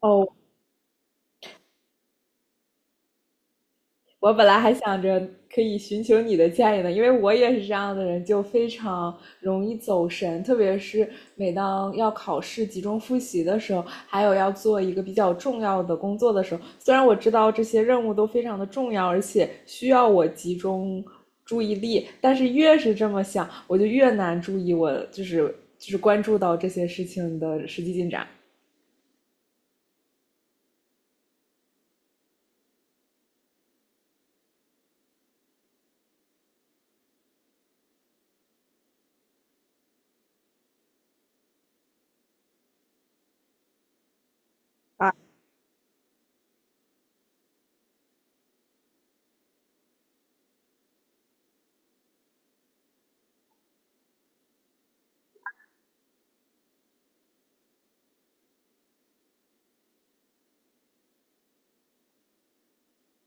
哦，我本来还想着可以寻求你的建议呢，因为我也是这样的人，就非常容易走神，特别是每当要考试集中复习的时候，还有要做一个比较重要的工作的时候，虽然我知道这些任务都非常的重要，而且需要我集中注意力，但是越是这么想，我就越难注意我就是关注到这些事情的实际进展。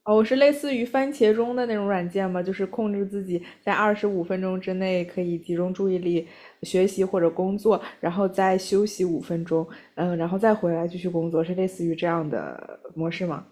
哦，我是类似于番茄钟的那种软件吗？就是控制自己在25分钟之内可以集中注意力学习或者工作，然后再休息五分钟，嗯，然后再回来继续工作，是类似于这样的模式吗？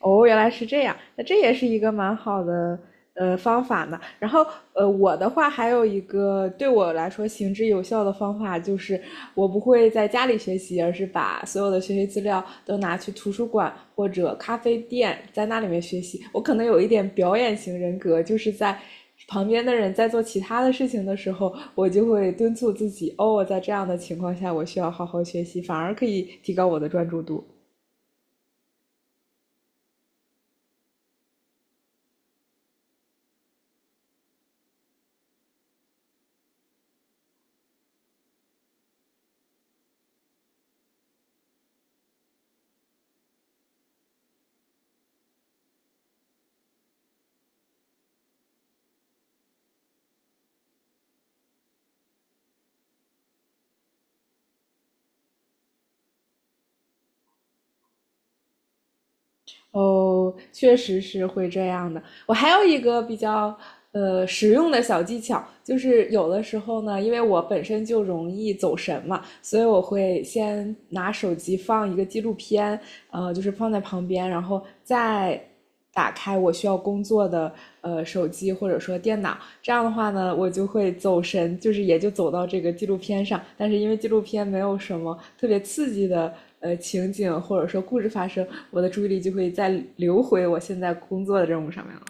哦，原来是这样，那这也是一个蛮好的方法呢。然后我的话还有一个对我来说行之有效的方法，就是我不会在家里学习，而是把所有的学习资料都拿去图书馆或者咖啡店，在那里面学习。我可能有一点表演型人格，就是在旁边的人在做其他的事情的时候，我就会敦促自己，哦，在这样的情况下，我需要好好学习，反而可以提高我的专注度。哦，确实是会这样的。我还有一个比较实用的小技巧，就是有的时候呢，因为我本身就容易走神嘛，所以我会先拿手机放一个纪录片，就是放在旁边，然后再打开我需要工作的手机或者说电脑，这样的话呢，我就会走神，就是也就走到这个纪录片上。但是因为纪录片没有什么特别刺激的情景或者说故事发生，我的注意力就会再流回我现在工作的任务上面了。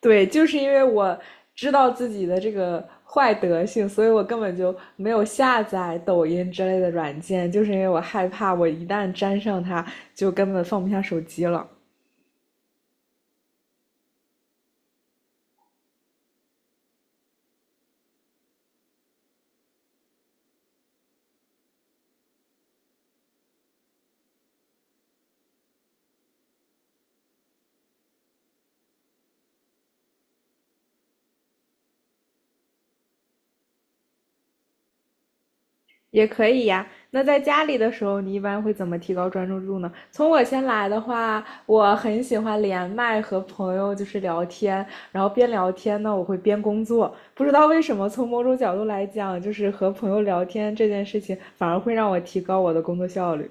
对，就是因为我知道自己的这个坏德性，所以我根本就没有下载抖音之类的软件，就是因为我害怕我一旦沾上它，就根本放不下手机了。也可以呀。那在家里的时候，你一般会怎么提高专注度呢？从我先来的话，我很喜欢连麦和朋友就是聊天，然后边聊天呢，我会边工作。不知道为什么，从某种角度来讲，就是和朋友聊天这件事情，反而会让我提高我的工作效率。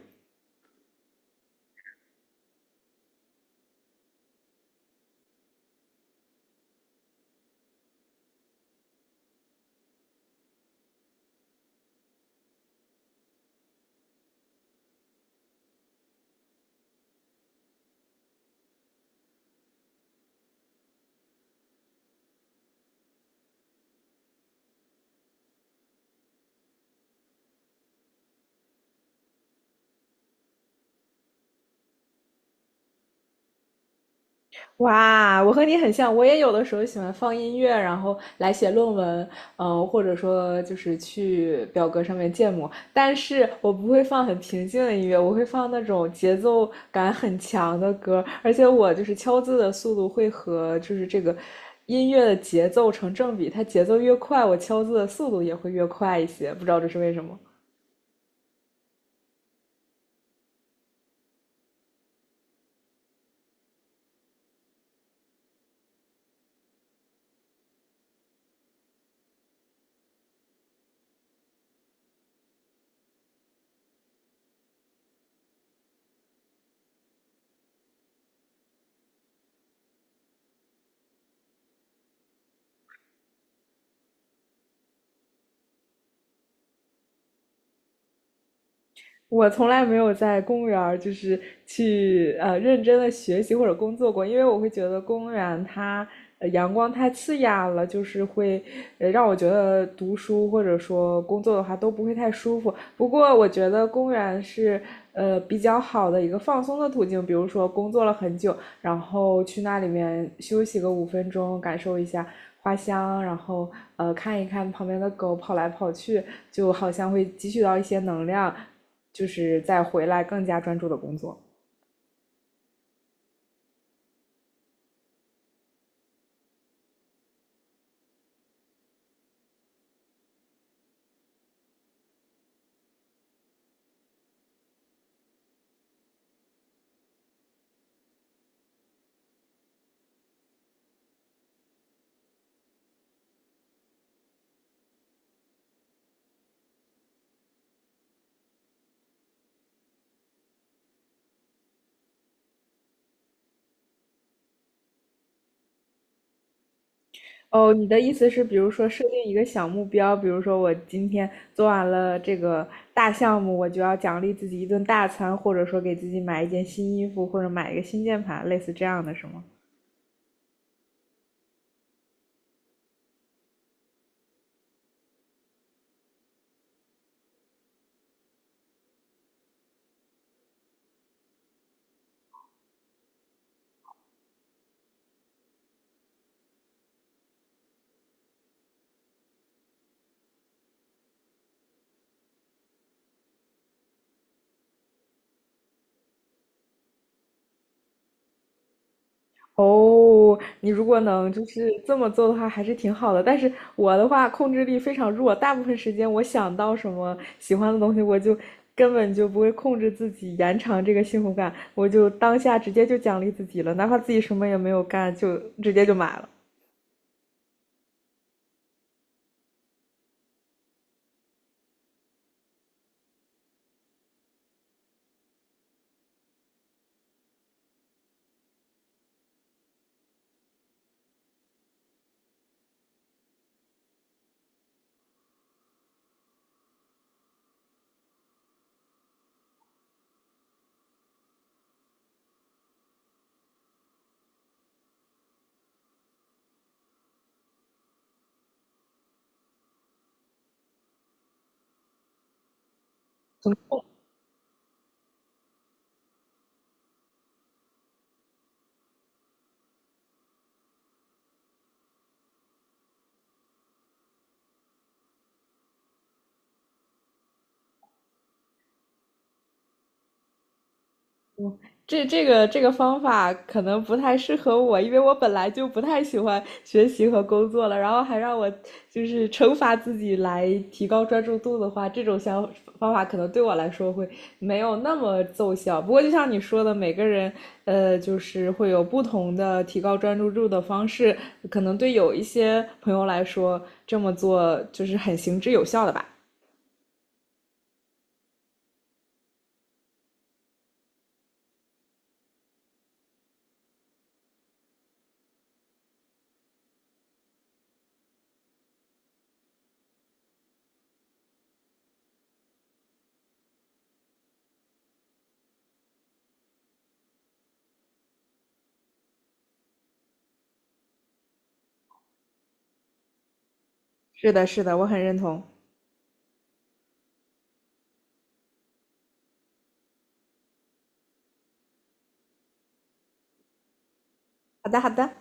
哇，我和你很像，我也有的时候喜欢放音乐，然后来写论文，嗯，或者说就是去表格上面建模，但是我不会放很平静的音乐，我会放那种节奏感很强的歌，而且我就是敲字的速度会和就是这个音乐的节奏成正比，它节奏越快，我敲字的速度也会越快一些，不知道这是为什么。我从来没有在公园儿就是去认真的学习或者工作过，因为我会觉得公园它阳光太刺眼了，就是会让我觉得读书或者说工作的话都不会太舒服。不过我觉得公园是比较好的一个放松的途径，比如说工作了很久，然后去那里面休息个五分钟，感受一下花香，然后看一看旁边的狗跑来跑去，就好像会汲取到一些能量，就是再回来更加专注的工作。哦，你的意思是，比如说设定一个小目标，比如说我今天做完了这个大项目，我就要奖励自己一顿大餐，或者说给自己买一件新衣服，或者买一个新键盘，类似这样的是吗？哦，你如果能就是这么做的话，还是挺好的。但是我的话，控制力非常弱，大部分时间我想到什么喜欢的东西，我就根本就不会控制自己延长这个幸福感，我就当下直接就奖励自己了，哪怕自己什么也没有干，就直接就买了。这个方法可能不太适合我，因为我本来就不太喜欢学习和工作了，然后还让我就是惩罚自己来提高专注度的话，这种想方法可能对我来说会没有那么奏效。不过就像你说的，每个人就是会有不同的提高专注度的方式，可能对有一些朋友来说这么做就是很行之有效的吧。是的，是的，我很认同。好的，好的。